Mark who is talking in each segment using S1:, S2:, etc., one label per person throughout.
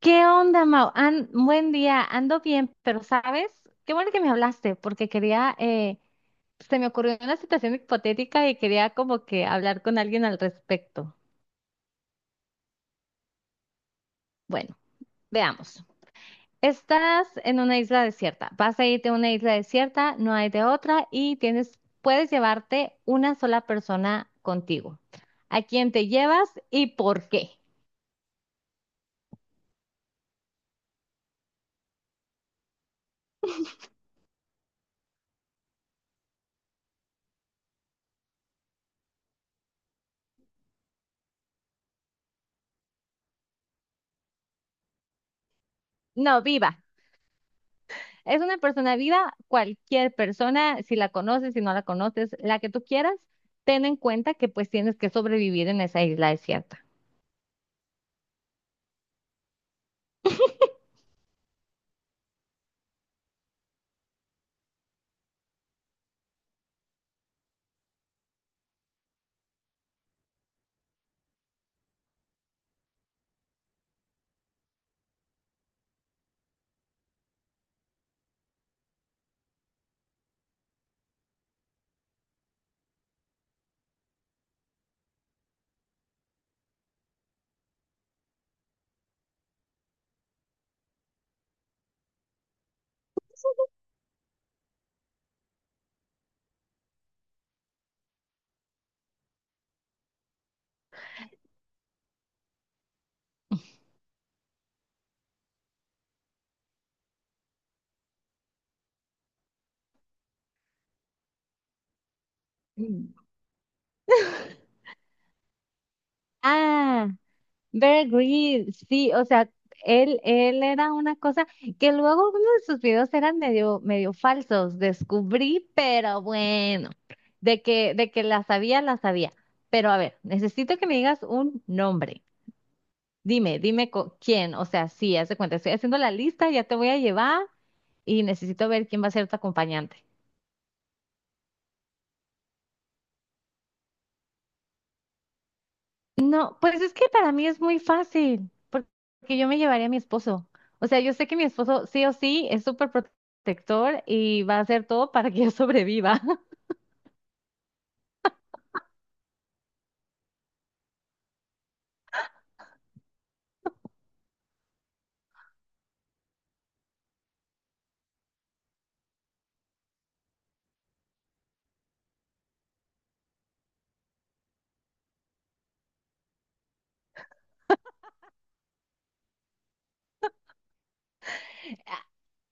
S1: ¿Qué onda, Mau? Buen día, ando bien, pero ¿sabes? Qué bueno que me hablaste, porque se me ocurrió una situación hipotética y quería como que hablar con alguien al respecto. Bueno, veamos. Estás en una isla desierta, vas a irte a una isla desierta, no hay de otra y puedes llevarte una sola persona contigo. ¿A quién te llevas y por qué? No, viva. Es una persona viva, cualquier persona, si la conoces, si no la conoces, la que tú quieras, ten en cuenta que pues tienes que sobrevivir en esa isla desierta. Mm. Ah, Bear Grylls, sí, o sea, él era una cosa que luego uno de sus videos eran medio falsos, descubrí, pero bueno, de que la sabía, la sabía. Pero a ver, necesito que me digas un nombre. Dime, quién, o sea, sí, haz de cuenta, estoy haciendo la lista, ya te voy a llevar y necesito ver quién va a ser tu acompañante. No, pues es que para mí es muy fácil, porque yo me llevaría a mi esposo. O sea, yo sé que mi esposo sí o sí es súper protector y va a hacer todo para que yo sobreviva.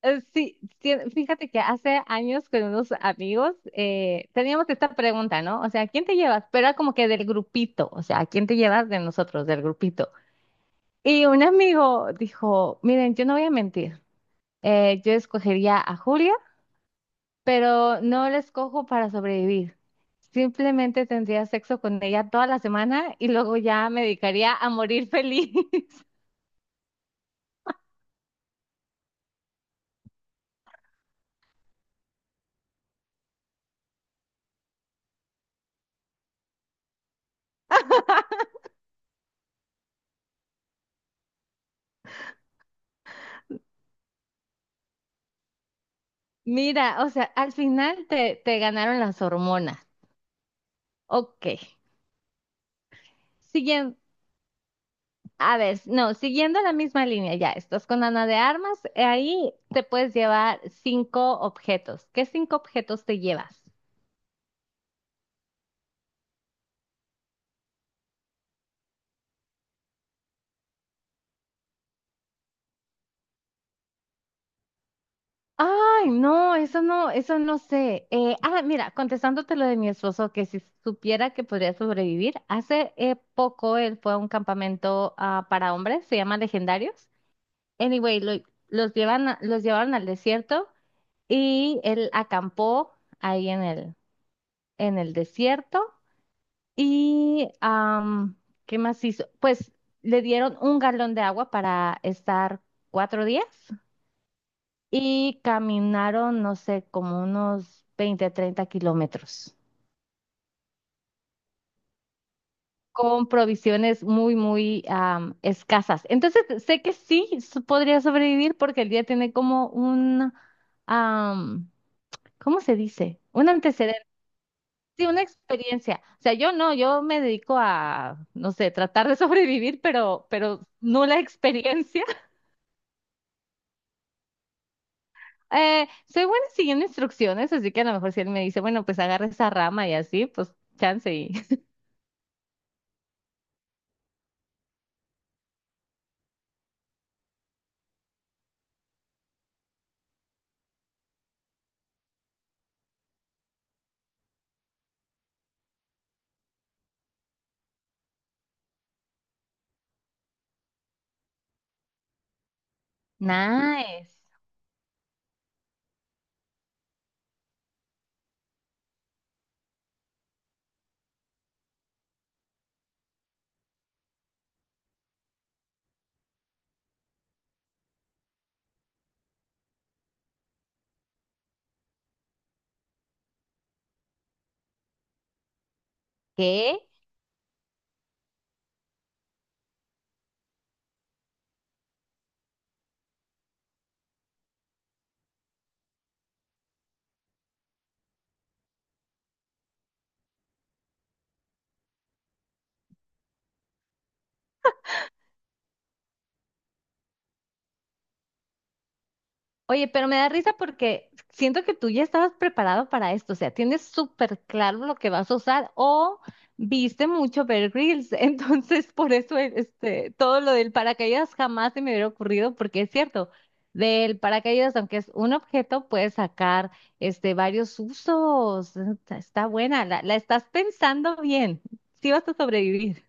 S1: Sí, sí, fíjate que hace años con unos amigos teníamos esta pregunta, ¿no? O sea, ¿quién te llevas? Pero era como que del grupito, o sea, ¿quién te llevas de nosotros, del grupito? Y un amigo dijo, miren, yo no voy a mentir, yo escogería a Julia, pero no la escojo para sobrevivir. Simplemente tendría sexo con ella toda la semana y luego ya me dedicaría a morir feliz. Mira, o sea, al final te ganaron las hormonas. Ok. Siguiendo, a ver, no, siguiendo la misma línea, ya, estás con Ana de Armas, ahí te puedes llevar cinco objetos. ¿Qué cinco objetos te llevas? Ay, no, eso no, eso no sé. Mira, contestándote lo de mi esposo, que si supiera que podría sobrevivir, hace poco él fue a un campamento para hombres, se llama Legendarios. Anyway, los llevaron al desierto y él acampó ahí en el desierto. Y, ¿qué más hizo? Pues le dieron un galón de agua para estar 4 días y caminaron, no sé, como unos 20 30 kilómetros con provisiones muy, muy escasas. Entonces, sé que sí podría sobrevivir porque el día tiene como un, am, ¿cómo se dice? Un antecedente, sí, una experiencia. O sea, yo me dedico a, no sé, tratar de sobrevivir, pero no la experiencia. Soy buena siguiendo instrucciones, así que a lo mejor si él me dice, bueno, pues agarra esa rama y así, pues chance y nice. ¿Qué? Oye, pero me da risa porque siento que tú ya estabas preparado para esto, o sea, tienes súper claro lo que vas a usar o viste mucho Bear Grylls, entonces por eso todo lo del paracaídas jamás se me hubiera ocurrido porque es cierto, del paracaídas, aunque es un objeto, puedes sacar varios usos, está buena, la estás pensando bien, sí vas a sobrevivir.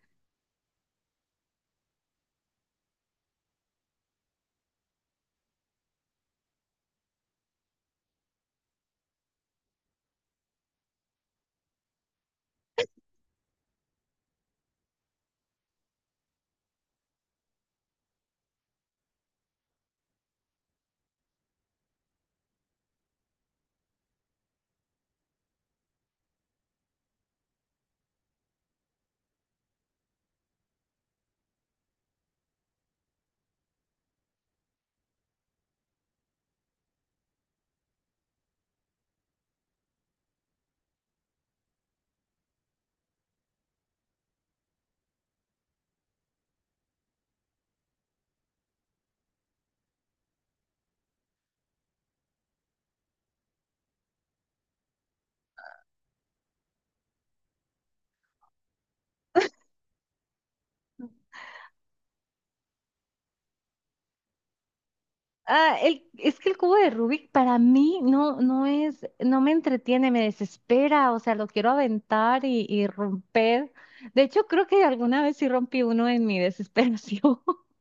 S1: Ah, es que el cubo de Rubik para mí no, no me entretiene, me desespera, o sea, lo quiero aventar y romper. De hecho, creo que alguna vez sí rompí uno en mi desesperación.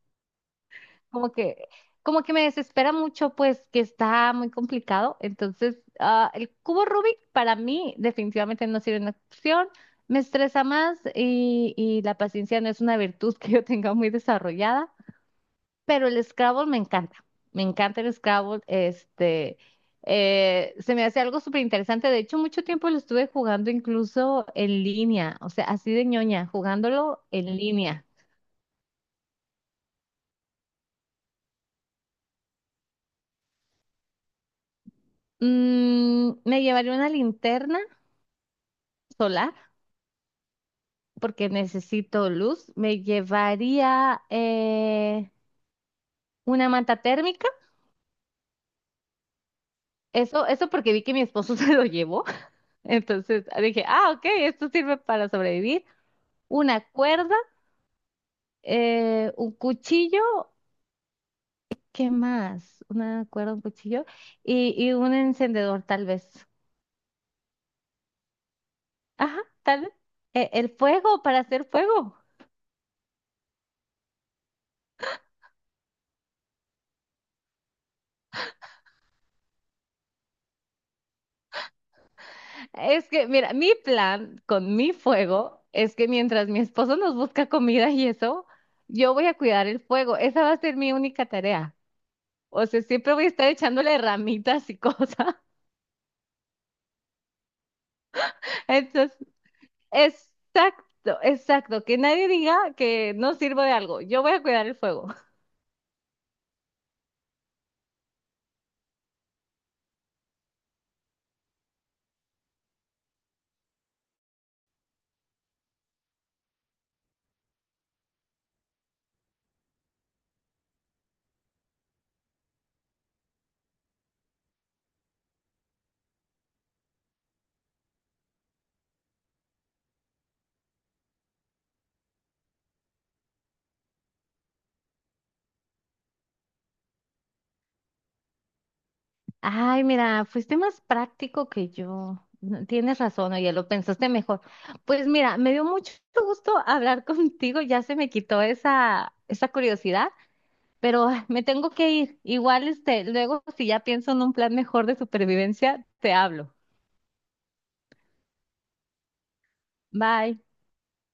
S1: Como que, como que me desespera mucho, pues, que está muy complicado. Entonces, el cubo Rubik para mí definitivamente no sirve una opción. Me estresa más y la paciencia no es una virtud que yo tenga muy desarrollada pero el Scrabble me encanta. Me encanta el Scrabble. Se me hace algo súper interesante. De hecho, mucho tiempo lo estuve jugando incluso en línea, o sea, así de ñoña, jugándolo en línea. Me llevaría una linterna solar porque necesito luz. Me llevaría una manta térmica. Eso porque vi que mi esposo se lo llevó. Entonces dije, ah, ok, esto sirve para sobrevivir. Una cuerda un cuchillo, ¿qué más? Una cuerda, un cuchillo y un encendedor, tal vez. Ajá, tal vez. El fuego para hacer fuego. Es que, mira, mi plan con mi fuego es que mientras mi esposo nos busca comida y eso, yo voy a cuidar el fuego. Esa va a ser mi única tarea. O sea, siempre voy a estar echándole ramitas y cosas. Entonces, exacto, exacto. Que nadie diga que no sirvo de algo. Yo voy a cuidar el fuego. Ay, mira, fuiste más práctico que yo. No, tienes razón, oye, lo pensaste mejor. Pues mira, me dio mucho gusto hablar contigo, ya se me quitó esa curiosidad, pero me tengo que ir. Igual, luego si ya pienso en un plan mejor de supervivencia, te hablo. Bye.